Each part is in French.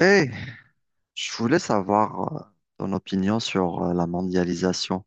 Eh, je voulais savoir ton opinion sur la mondialisation.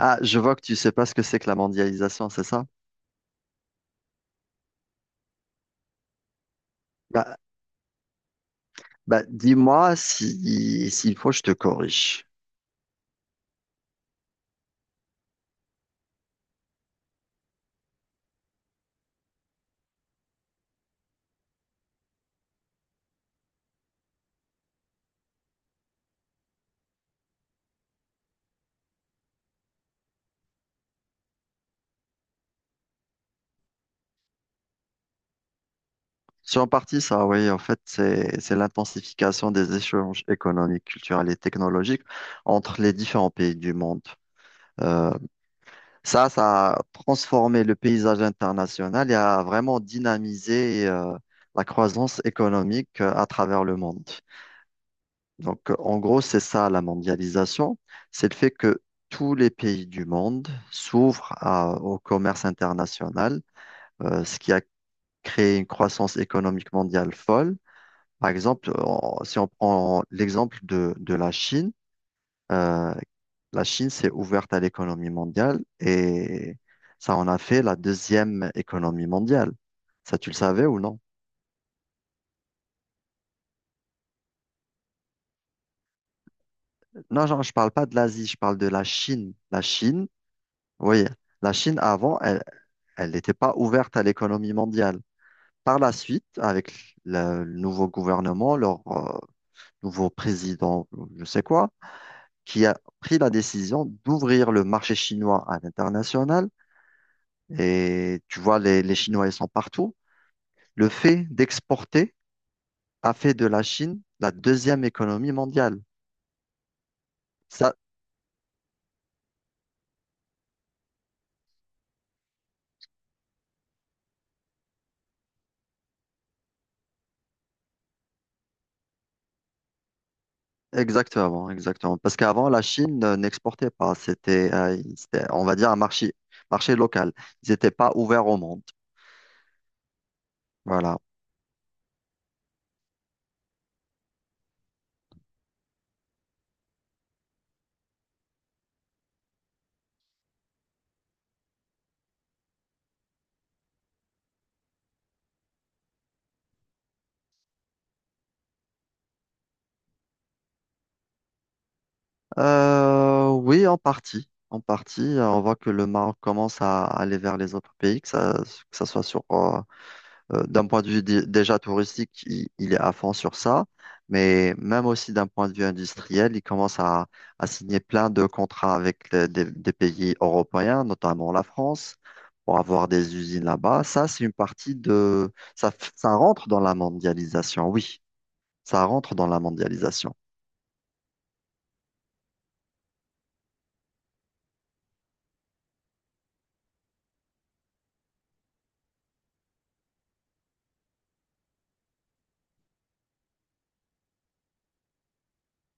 Ah, je vois que tu sais pas ce que c'est que la mondialisation, c'est ça? Bah, bah, dis-moi si, s'il faut, je te corrige. C'est en partie ça, oui. En fait, c'est l'intensification des échanges économiques, culturels et technologiques entre les différents pays du monde. Euh, ça a transformé le paysage international et a vraiment dynamisé la croissance économique à travers le monde. Donc, en gros, c'est ça la mondialisation, c'est le fait que tous les pays du monde s'ouvrent au commerce international, ce qui a créé une croissance économique mondiale folle. Par exemple, si on prend l'exemple de euh, la Chine s'est ouverte à l'économie mondiale et ça en a fait la deuxième économie mondiale. Ça, tu le savais ou non? Non, genre, je parle pas de l'Asie, je parle de la Chine. La Chine, oui. La Chine, avant, elle n'était pas ouverte à l'économie mondiale. Par la suite, avec le nouveau gouvernement, leur nouveau président, je sais quoi, qui a pris la décision d'ouvrir le marché chinois à l'international. Et tu vois, les Chinois, ils sont partout. Le fait d'exporter a fait de la Chine la deuxième économie mondiale. Ça, exactement, exactement. Parce qu'avant, la Chine n'exportait pas. C'était, on va dire, un marché local. Ils n'étaient pas ouverts au monde. Voilà. Oui, en partie. En partie, on voit que le Maroc commence à aller vers les autres pays, que ça soit d'un point de vue déjà touristique, il est à fond sur ça, mais même aussi d'un point de vue industriel, il commence à signer plein de contrats avec des pays européens, notamment la France, pour avoir des usines là-bas. Ça, c'est une partie ça rentre dans la mondialisation, oui, ça rentre dans la mondialisation.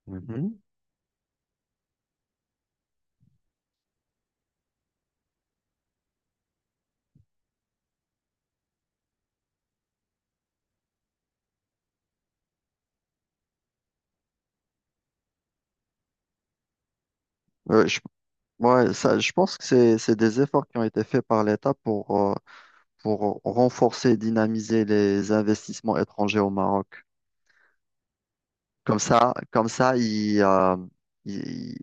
Mhm. Je Ouais, ça, je pense que c'est des efforts qui ont été faits par l'État pour renforcer et dynamiser les investissements étrangers au Maroc. Comme ça, ils,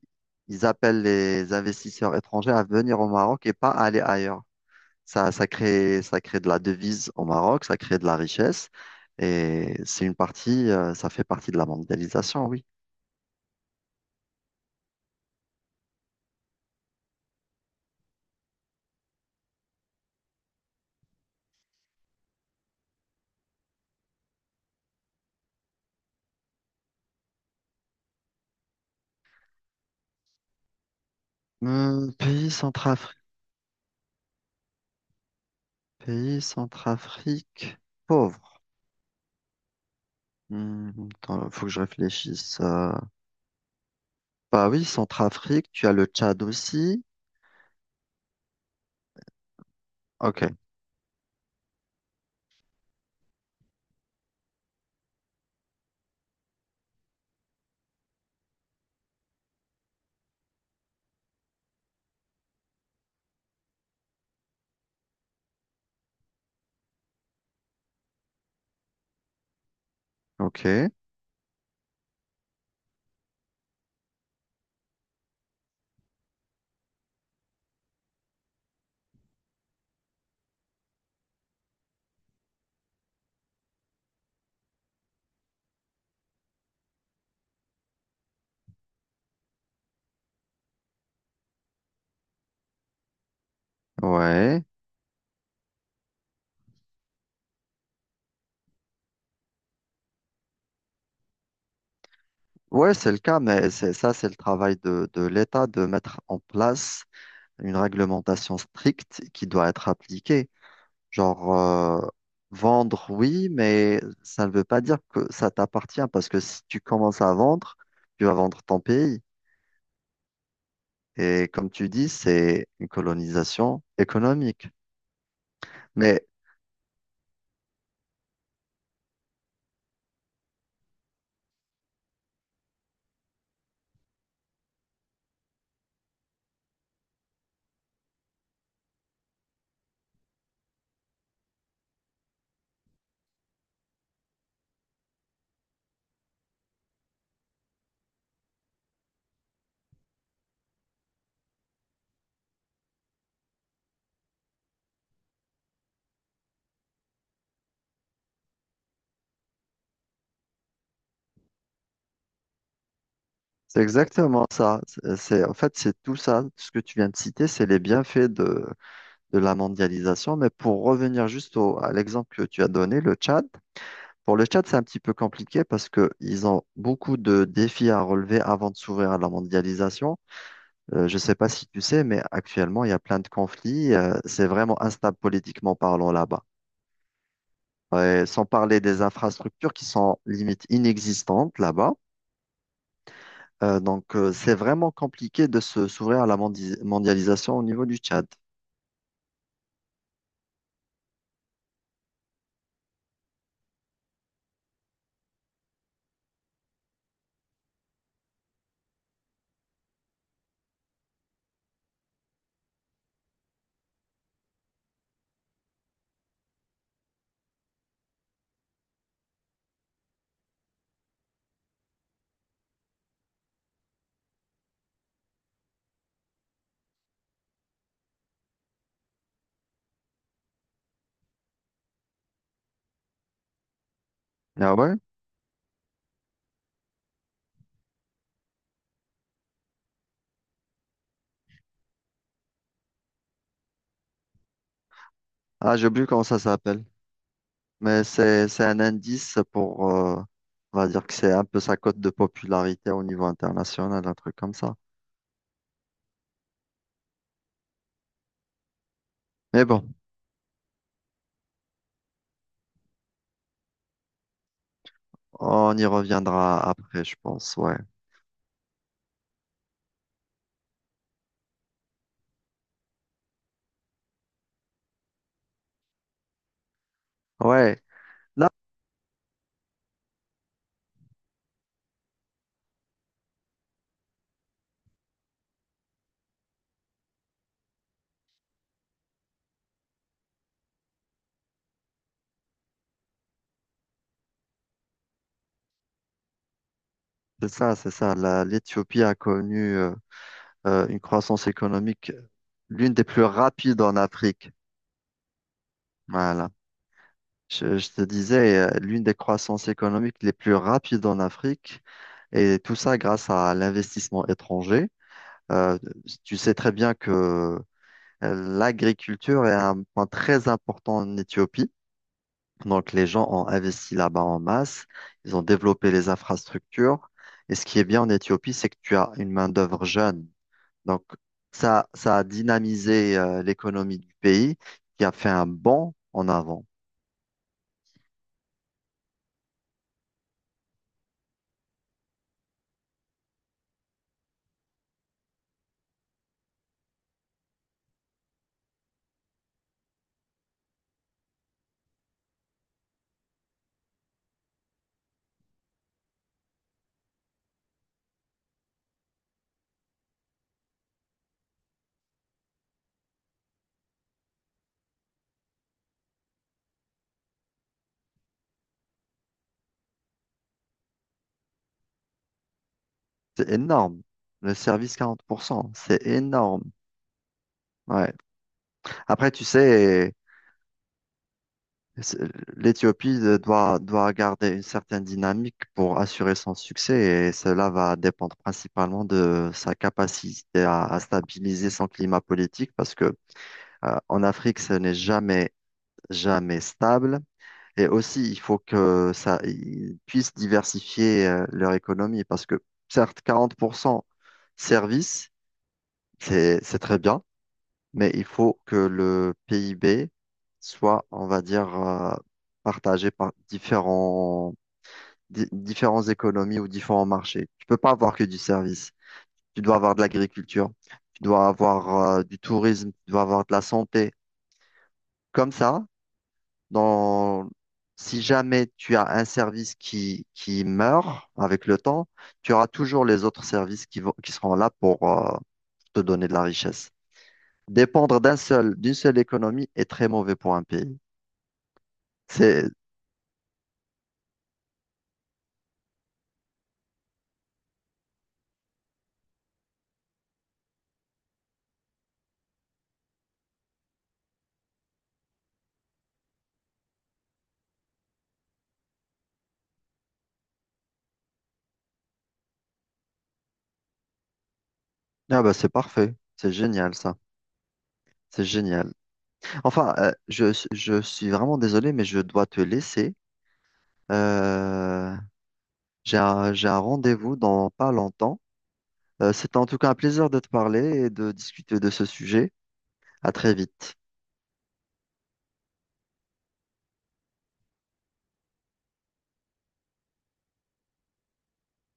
ils appellent les investisseurs étrangers à venir au Maroc et pas à aller ailleurs. Ça crée de la devise au Maroc, ça crée de la richesse et c'est ça fait partie de la mondialisation, oui. Hum, pays centrafricain, pays centrafrique pauvre. Hmm, attends, faut que je réfléchisse. Bah oui, Centrafrique, tu as le Tchad aussi. Ok, ok, ouais. Ouais, c'est le cas, mais c'est ça, c'est le travail de l'État de mettre en place une réglementation stricte qui doit être appliquée. Genre, vendre, oui, mais ça ne veut pas dire que ça t'appartient, parce que si tu commences à vendre, tu vas vendre ton pays. Et comme tu dis, c'est une colonisation économique. Mais C'est exactement ça. En fait, c'est tout ça, ce que tu viens de citer, c'est les bienfaits de la mondialisation. Mais pour revenir juste à l'exemple que tu as donné, le Tchad, pour le Tchad, c'est un petit peu compliqué parce qu'ils ont beaucoup de défis à relever avant de s'ouvrir à la mondialisation. Je ne sais pas si tu sais, mais actuellement, il y a plein de conflits. C'est vraiment instable politiquement parlant là-bas. Ouais, sans parler des infrastructures qui sont limite inexistantes là-bas. Donc, c'est vraiment compliqué de se s'ouvrir à la mondialisation au niveau du Tchad. Ah ouais? Ah, j'ai oublié comment ça s'appelle. Mais c'est un indice on va dire que c'est un peu sa cote de popularité au niveau international, un truc comme ça. Mais bon, on y reviendra après, je pense, ouais. Ouais, là, c'est ça, c'est ça. L'Éthiopie a connu une croissance économique l'une des plus rapides en Afrique. Voilà. Je te disais, l'une des croissances économiques les plus rapides en Afrique, et tout ça grâce à l'investissement étranger. Euh, tu sais très bien que l'agriculture est un point très important en Éthiopie. Donc, les gens ont investi là-bas en masse, ils ont développé les infrastructures. Et ce qui est bien en Éthiopie, c'est que tu as une main-d'œuvre jeune. Donc, ça a dynamisé l'économie du pays qui a fait un bond en avant. C'est énorme. Le service 40%, c'est énorme. Ouais. Après, tu sais, c'est- l'Éthiopie doit garder une certaine dynamique pour assurer son succès et cela va dépendre principalement de sa capacité à stabiliser son climat politique parce que, en Afrique, ce n'est jamais, jamais stable. Et aussi, il faut ils puissent diversifier, leur économie parce que, certes, 40% service, c'est très bien. Mais il faut que le PIB soit, on va dire, partagé par différentes économies ou différents marchés. Tu peux pas avoir que du service. Tu dois avoir de l'agriculture, tu dois avoir du tourisme, tu dois avoir de la santé. Comme ça, dans... si jamais tu as un service qui meurt avec le temps, tu auras toujours les autres services qui seront là pour te donner de la richesse. Dépendre d'une seule économie est très mauvais pour un pays. C'est ah bah c'est parfait, c'est génial ça, c'est génial. Enfin, je suis vraiment désolé, mais je dois te laisser. Euh, j'ai un rendez-vous dans pas longtemps. C'était en tout cas un plaisir de te parler et de discuter de ce sujet. À très vite.